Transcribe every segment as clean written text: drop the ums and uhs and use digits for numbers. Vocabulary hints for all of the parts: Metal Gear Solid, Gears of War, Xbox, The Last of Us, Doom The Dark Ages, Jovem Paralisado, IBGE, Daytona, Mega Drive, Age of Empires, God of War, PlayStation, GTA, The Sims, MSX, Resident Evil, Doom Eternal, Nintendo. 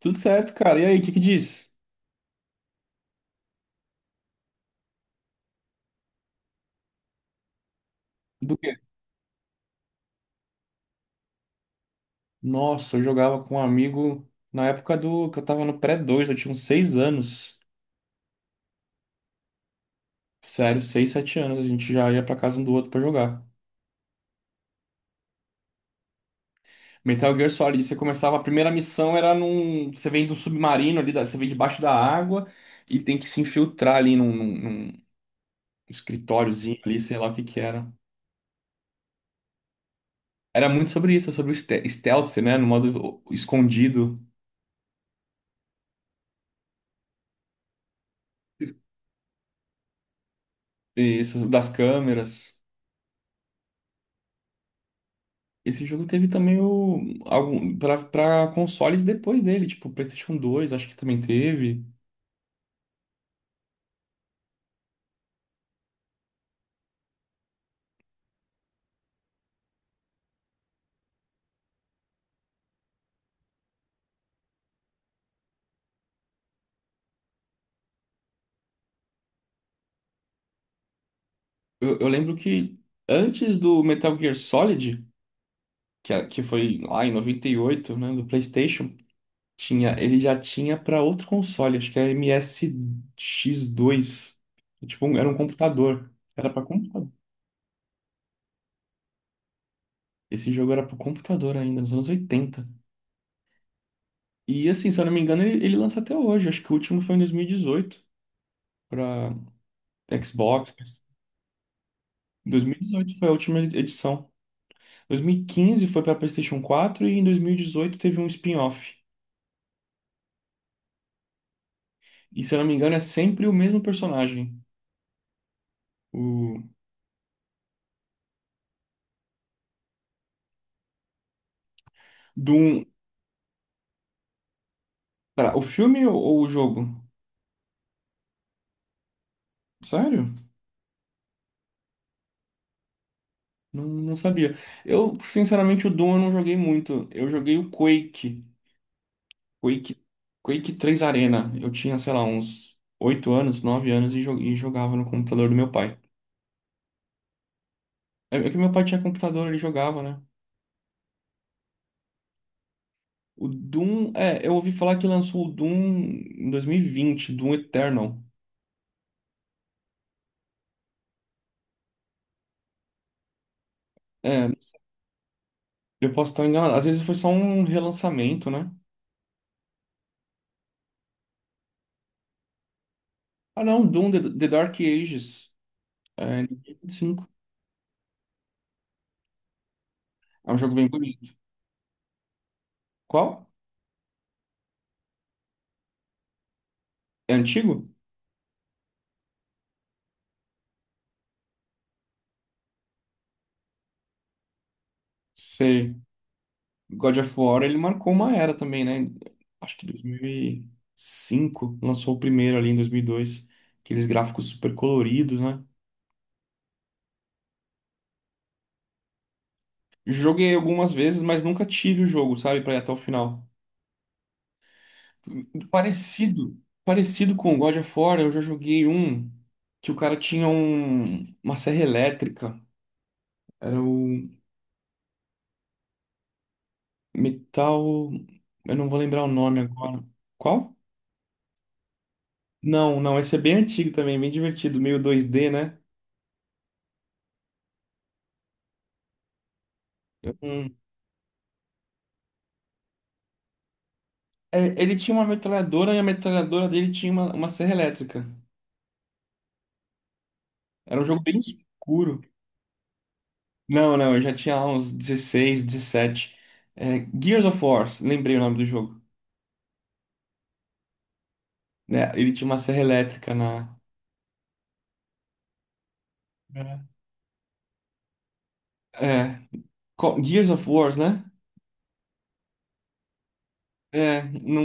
Tudo certo, cara. E aí, o que que diz? Do quê? Nossa, eu jogava com um amigo na época do que eu tava no pré dois. Eu tinha uns 6 anos. Sério, 6, 7 anos, a gente já ia pra casa um do outro pra jogar. Metal Gear Solid, você começava, a primeira missão era num. Você vem do submarino ali, você vem debaixo da água e tem que se infiltrar ali num escritóriozinho ali, sei lá o que que era. Era muito sobre isso, sobre o stealth, né? No modo escondido, isso, das câmeras. Esse jogo teve também o algum para consoles depois dele, tipo PlayStation dois, acho que também teve. Eu lembro que antes do Metal Gear Solid, que foi lá em 98, né, do PlayStation, tinha, ele já tinha para outro console, acho que é msx dois. É, tipo, era um computador. Era para computador. Esse jogo era para computador ainda, nos anos 80. E assim, se eu não me engano, ele lança até hoje. Acho que o último foi em 2018 para Xbox. 2018 foi a última edição. 2015 foi para PlayStation 4 e em 2018 teve um spin-off. E se eu não me engano é sempre o mesmo personagem. O do um- pera, o filme ou o jogo? Sério? Não, não sabia. Eu, sinceramente, o Doom eu não joguei muito. Eu joguei o Quake. Quake, Quake 3 Arena. Eu tinha, sei lá, uns 8 anos, 9 anos e, e jogava no computador do meu pai. É, é que meu pai tinha computador, ele jogava, né? O Doom, é, eu ouvi falar que lançou o Doom em 2020, Doom Eternal. É, eu posso estar enganado. Às vezes foi só um relançamento, né? Ah, não, Doom The, The Dark Ages, é, de 2005. É um jogo bem bonito. Qual? É antigo? Sei. God of War, ele marcou uma era também, né? Acho que dois mil e cinco lançou o primeiro ali em 2002. Aqueles gráficos super coloridos, né? Joguei algumas vezes, mas nunca tive o jogo, sabe, pra ir até o final. Parecido, parecido com o God of War, eu já joguei um que o cara tinha uma serra elétrica. Era o Metal. Eu não vou lembrar o nome agora. Qual? Não, não, esse é bem antigo também, bem divertido, meio 2D, né? Hum. É, ele tinha uma metralhadora e a metralhadora dele tinha uma serra elétrica. Era um jogo bem escuro. Não, não, eu já tinha lá uns 16, 17. É, Gears of War, lembrei o nome do jogo. Né? Ele tinha uma serra elétrica na. É. É, Gears of Wars, né? É, não,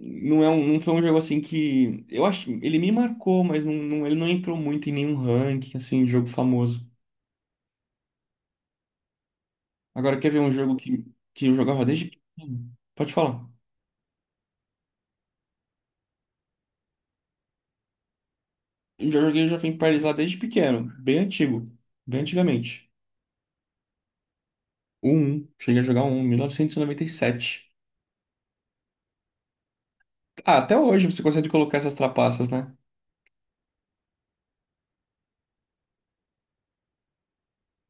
não, é um, não foi um jogo assim que. Eu acho. Ele me marcou, mas não, ele não entrou muito em nenhum ranking, assim, de jogo famoso. Agora, quer ver um jogo que eu jogava desde pequeno? Pode falar. Eu já joguei Jovem Paralisado desde pequeno, bem antigo, bem antigamente. O 1, cheguei a jogar o 1, 1997. Ah, até hoje você consegue colocar essas trapaças, né?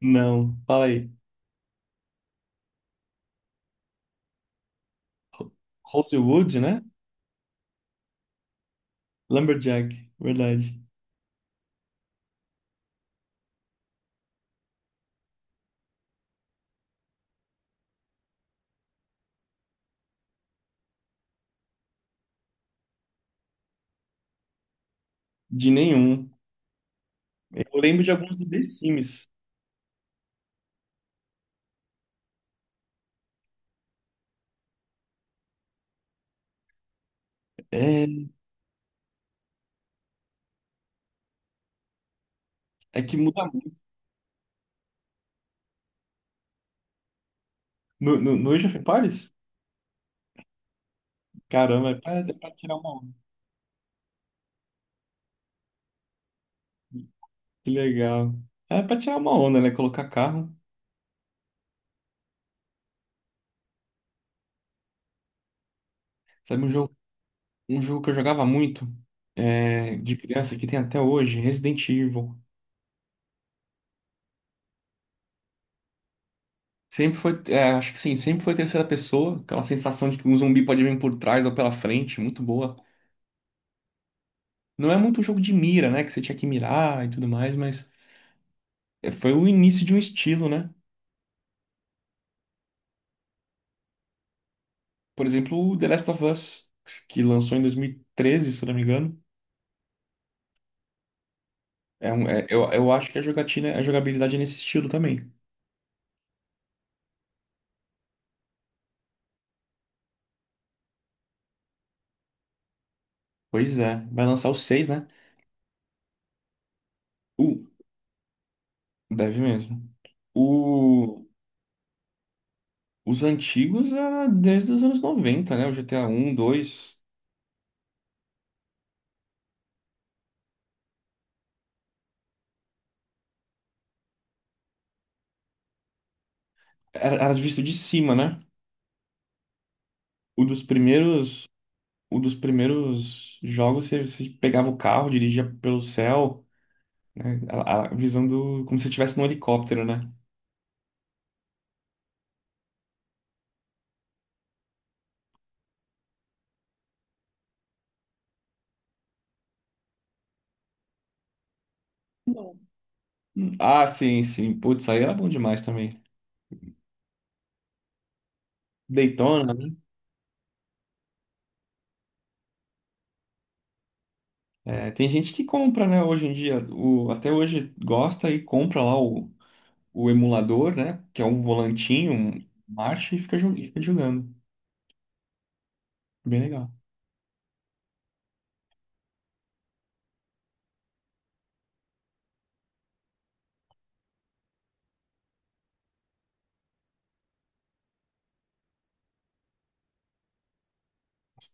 Não, fala aí. Rosewood, né? Lumberjack, verdade. De nenhum. Eu lembro de alguns do The Sims. É, é que muda muito. No Age of Empires? Caramba, é pra tirar uma onda. Que legal. É pra tirar uma onda, né? Colocar carro. Sabe um jogo que eu jogava muito, é, de criança, que tem até hoje, Resident Evil. Sempre foi, é, acho que sim, sempre foi terceira pessoa. Aquela sensação de que um zumbi pode vir por trás ou pela frente, muito boa. Não é muito um jogo de mira, né? Que você tinha que mirar e tudo mais, mas é, foi o início de um estilo, né? Por exemplo, o The Last of Us, que lançou em 2013, se eu não me engano. É um, eu acho que a jogatina, a jogabilidade é nesse estilo também. Pois é, vai lançar o 6, né? O, deve mesmo. O, os antigos era desde os anos 90, né? O GTA um, dois. Era, era visto de cima, né? O dos primeiros, o dos primeiros jogos, você, você pegava o carro, dirigia pelo céu, né? A, visando como se estivesse num helicóptero, né? Ah, sim, sim. Putz, aí era bom demais também. Daytona, né? É, tem gente que compra, né, hoje em dia. O, até hoje gosta e compra lá o emulador, né? Que é um volantinho, um marcha e fica, e fica jogando. Bem legal.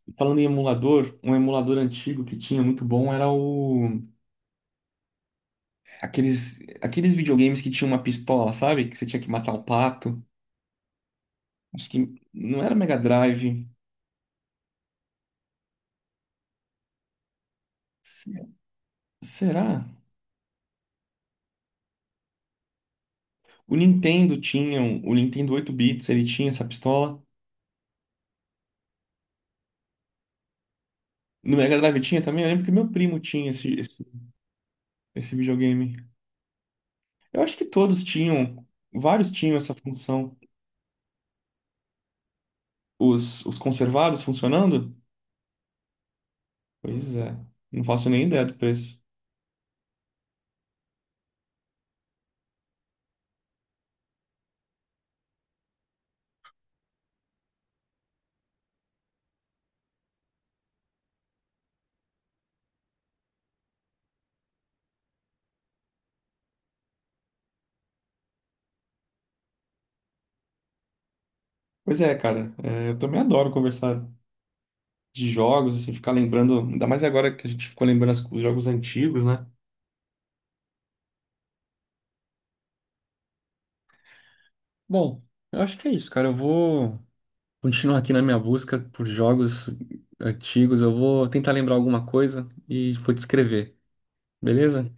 E falando em emulador, um emulador antigo que tinha muito bom era o, aqueles, aqueles videogames que tinha uma pistola, sabe? Que você tinha que matar o pato. Acho que não era Mega Drive. Se- Será? O Nintendo tinha, o Nintendo 8 bits, ele tinha essa pistola. No Mega Drive tinha também? Eu lembro que meu primo tinha esse videogame. Eu acho que todos tinham, vários tinham essa função. Os conservados funcionando? Pois é, não faço nem ideia do preço. Pois é, cara, é, eu também adoro conversar de jogos, assim, ficar lembrando, ainda mais agora que a gente ficou lembrando os jogos antigos, né? Bom, eu acho que é isso, cara. Eu vou continuar aqui na minha busca por jogos antigos. Eu vou tentar lembrar alguma coisa e vou te escrever, beleza?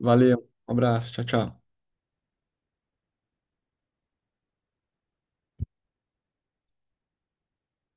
Valeu, um abraço, tchau, tchau.